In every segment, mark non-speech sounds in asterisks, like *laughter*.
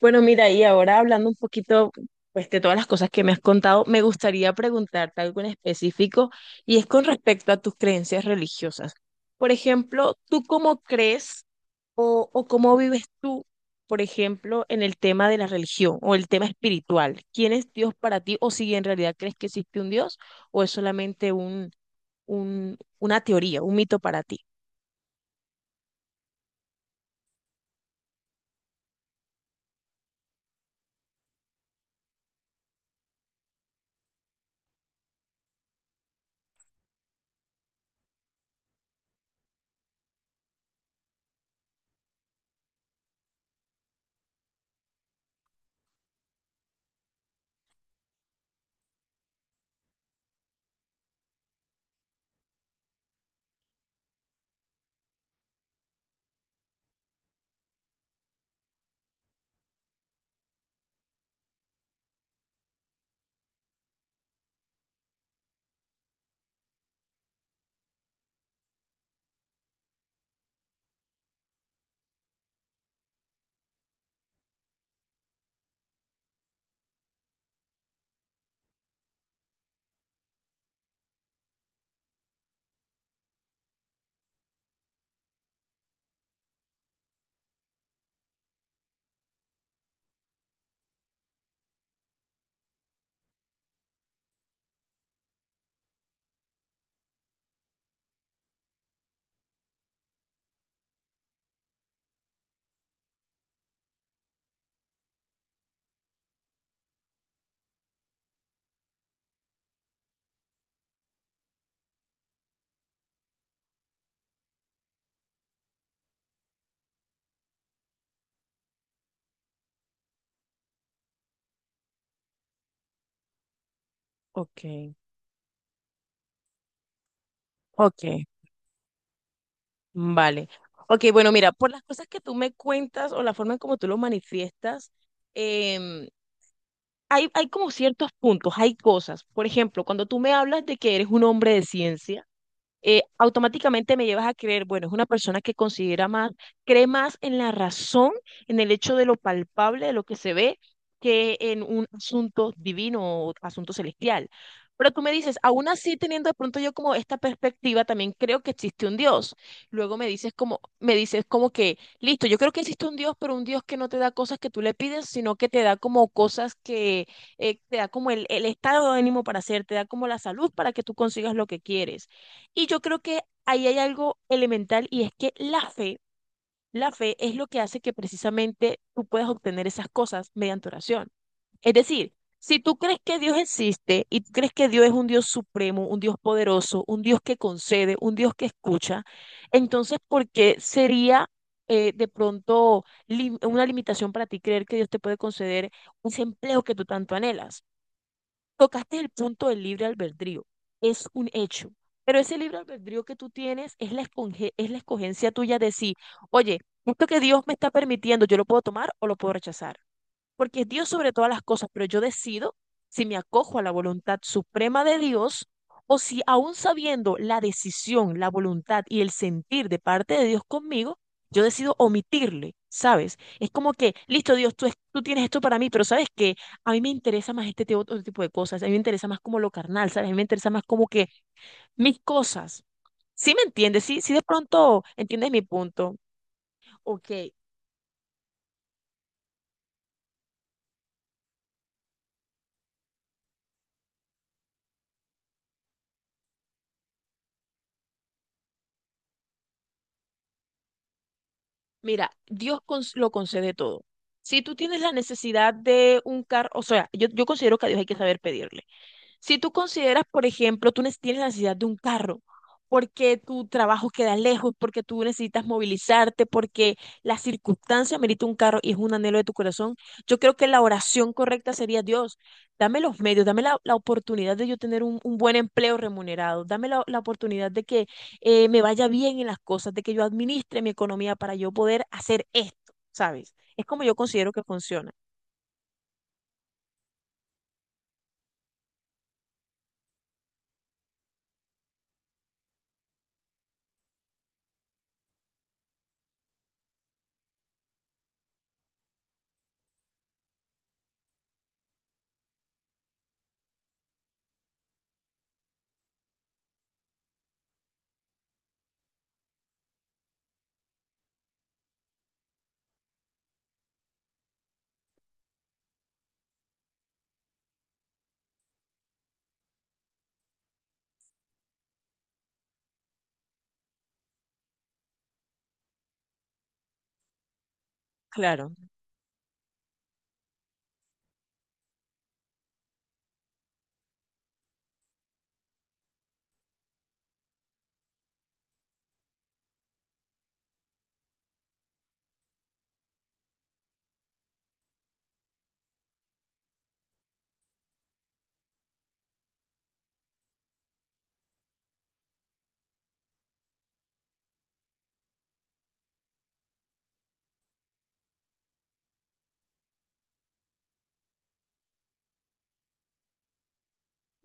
Bueno, mira, y ahora hablando un poquito pues, de todas las cosas que me has contado, me gustaría preguntarte algo en específico y es con respecto a tus creencias religiosas. Por ejemplo, ¿tú cómo crees o cómo vives tú, por ejemplo, en el tema de la religión o el tema espiritual? ¿Quién es Dios para ti o si en realidad crees que existe un Dios o es solamente una teoría, un mito para ti? Ok. Ok. Vale. Ok, bueno, mira, por las cosas que tú me cuentas o la forma en como tú lo manifiestas, em, hay como ciertos puntos, hay cosas. Por ejemplo, cuando tú me hablas de que eres un hombre de ciencia, automáticamente me llevas a creer, bueno, es una persona que considera más, cree más en la razón, en el hecho de lo palpable, de lo que se ve, que en un asunto divino o asunto celestial. Pero tú me dices, aún así teniendo de pronto yo como esta perspectiva, también creo que existe un Dios. Luego me dices como que, listo, yo creo que existe un Dios, pero un Dios que no te da cosas que tú le pides, sino que te da como cosas que te da como el estado de ánimo para hacer, te da como la salud para que tú consigas lo que quieres y yo creo que ahí hay algo elemental y es que la fe es lo que hace que precisamente tú puedas obtener esas cosas mediante oración. Es decir, si tú crees que Dios existe y tú crees que Dios es un Dios supremo, un Dios poderoso, un Dios que concede, un Dios que escucha, entonces, ¿por qué sería de pronto una limitación para ti creer que Dios te puede conceder ese empleo que tú tanto anhelas? Tocaste el punto del libre albedrío. Es un hecho. Pero ese libre albedrío que tú tienes es la es la escogencia tuya de sí. Oye, esto que Dios me está permitiendo, yo lo puedo tomar o lo puedo rechazar porque es Dios sobre todas las cosas, pero yo decido si me acojo a la voluntad suprema de Dios o si aún sabiendo la decisión, la voluntad y el sentir de parte de Dios conmigo, yo decido omitirle, ¿sabes? Es como que, listo, Dios, tú, tú tienes esto para mí, pero ¿sabes que a mí me interesa más este otro tipo de cosas, a mí me interesa más como lo carnal, ¿sabes? A mí me interesa más como que mis cosas. ¿Sí me entiendes? ¿Sí, sí de pronto entiendes mi punto? Ok, mira, Dios lo concede todo. Si tú tienes la necesidad de un carro, o sea, yo considero que a Dios hay que saber pedirle. Si tú consideras, por ejemplo, tú tienes la necesidad de un carro, porque tu trabajo queda lejos, porque tú necesitas movilizarte, porque la circunstancia merita un carro y es un anhelo de tu corazón, yo creo que la oración correcta sería, Dios, dame los medios, dame la oportunidad de yo tener un buen empleo remunerado, dame la oportunidad de que me vaya bien en las cosas, de que yo administre mi economía para yo poder hacer esto, ¿sabes? Es como yo considero que funciona. Claro.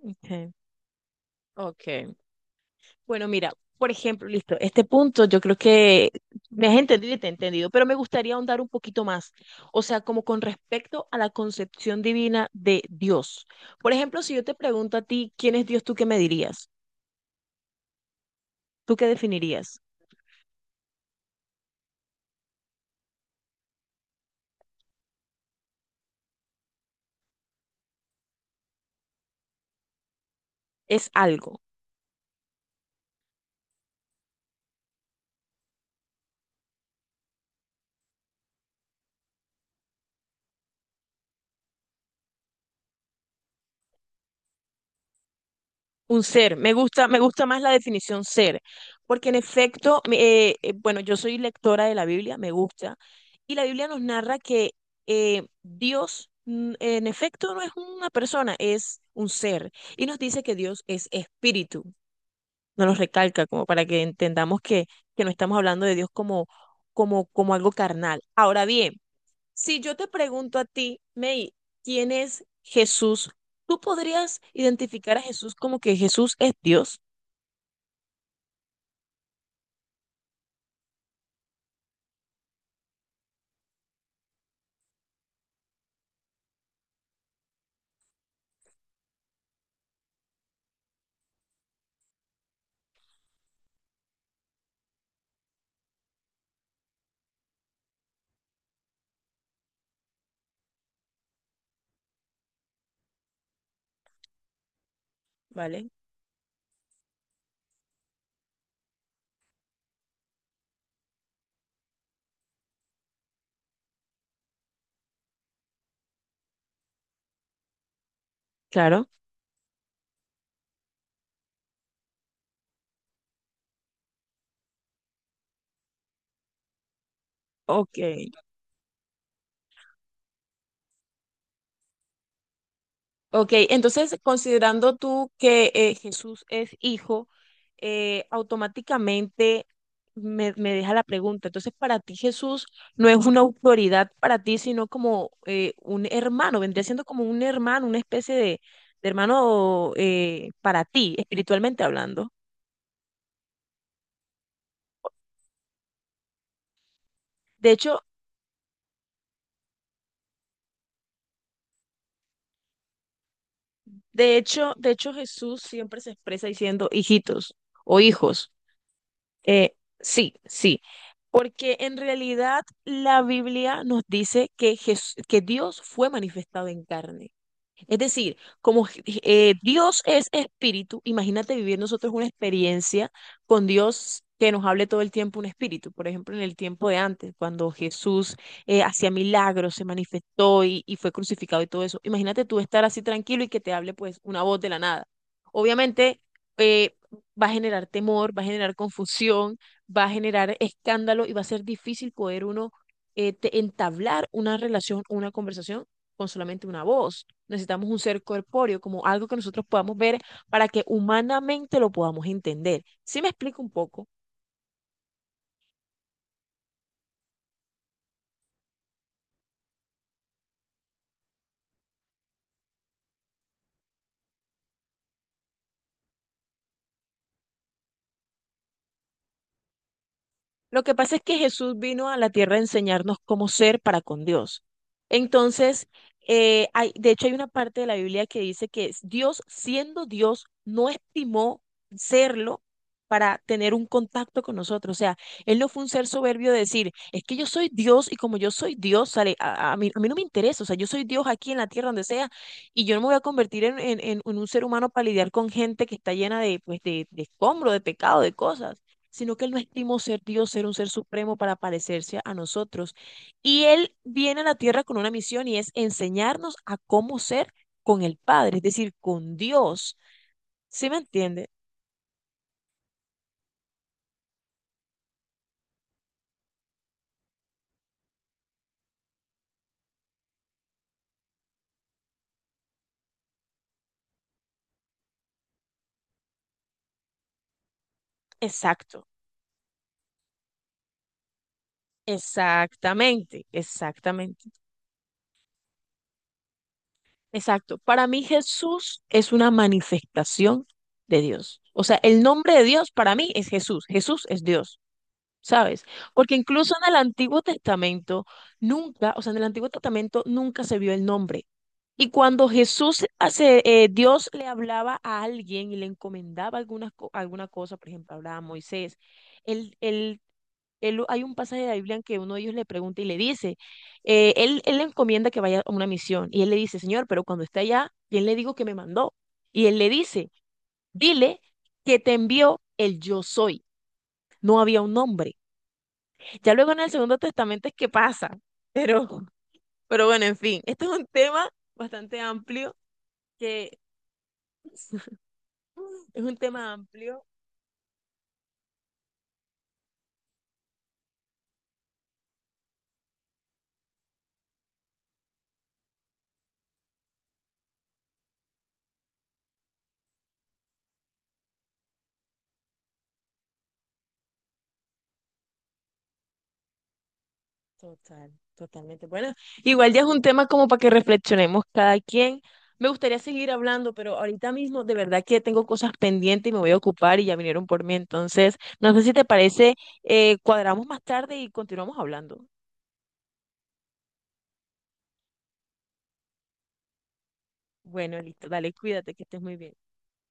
Ok, ok. Bueno, mira, por ejemplo, listo, este punto yo creo que me has entendido y te he entendido, pero me gustaría ahondar un poquito más, o sea, como con respecto a la concepción divina de Dios. Por ejemplo, si yo te pregunto a ti, ¿quién es Dios? ¿Tú qué me dirías? ¿Tú qué definirías? Es algo. Un ser, me gusta más la definición ser, porque en efecto, bueno, yo soy lectora de la Biblia, me gusta, y la Biblia nos narra que Dios, en efecto, no es una persona, es un ser, y nos dice que Dios es espíritu, nos lo recalca como para que entendamos que no estamos hablando de Dios como, como algo carnal. Ahora bien, si yo te pregunto a ti, May, ¿quién es Jesús? ¿Tú podrías identificar a Jesús como que Jesús es Dios? ¿Vale? Claro. Ok. Ok, entonces considerando tú que Jesús es hijo, automáticamente me, me deja la pregunta. Entonces, para ti Jesús no es una autoridad para ti, sino como un hermano, vendría siendo como un hermano, una especie de hermano para ti, espiritualmente hablando. De hecho, de hecho, de hecho Jesús siempre se expresa diciendo hijitos o hijos. Eh, sí, sí, porque en realidad la Biblia nos dice que, que Dios fue manifestado en carne. Es decir, como Dios es espíritu, imagínate vivir nosotros una experiencia con Dios que nos hable todo el tiempo un espíritu. Por ejemplo, en el tiempo de antes, cuando Jesús hacía milagros, se manifestó y fue crucificado y todo eso. Imagínate tú estar así tranquilo y que te hable pues una voz de la nada. Obviamente eh, va a generar temor, va a generar confusión, va a generar escándalo y va a ser difícil poder uno entablar una relación, una conversación con solamente una voz. Necesitamos un ser corpóreo, como algo que nosotros podamos ver para que humanamente lo podamos entender. ¿Sí me explico un poco? Lo que pasa es que Jesús vino a la tierra a enseñarnos cómo ser para con Dios. Entonces, hay, de hecho hay una parte de la Biblia que dice que Dios, siendo Dios, no estimó serlo para tener un contacto con nosotros. O sea, Él no fue un ser soberbio de decir, es que yo soy Dios y como yo soy Dios, sale, a mí no me interesa, o sea, yo soy Dios aquí en la tierra, donde sea, y yo no me voy a convertir en un ser humano para lidiar con gente que está llena de, pues, de escombro, de pecado, de cosas, sino que Él no estimó ser Dios, ser un ser supremo para parecerse a nosotros. Y Él viene a la tierra con una misión y es enseñarnos a cómo ser con el Padre, es decir, con Dios. ¿Sí me entiende? Exacto, exactamente, exactamente, exacto. Para mí Jesús es una manifestación de Dios. O sea, el nombre de Dios para mí es Jesús. Jesús es Dios. ¿Sabes? Porque incluso en el Antiguo Testamento nunca, o sea, en el Antiguo Testamento nunca se vio el nombre, y cuando Jesús, Dios le hablaba a alguien y le encomendaba algunas alguna cosa, por ejemplo, hablaba a Moisés, él, él, hay un pasaje de la Biblia en que uno de ellos le pregunta y le dice, él le encomienda que vaya a una misión y él le dice, Señor, pero cuando esté allá, ¿quién le digo que me mandó? Y él le dice, dile que te envió el yo soy. No había un nombre. Ya luego en el Segundo Testamento es que pasa, pero, pero bueno, en fin, este es un tema bastante amplio que... *laughs* es un tema amplio, total, totalmente. Bueno, igual ya es un tema como para que reflexionemos cada quien. Me gustaría seguir hablando, pero ahorita mismo de verdad que tengo cosas pendientes y me voy a ocupar y ya vinieron por mí. Entonces, no sé si te parece, cuadramos más tarde y continuamos hablando. Bueno, listo, dale, cuídate, que estés muy bien.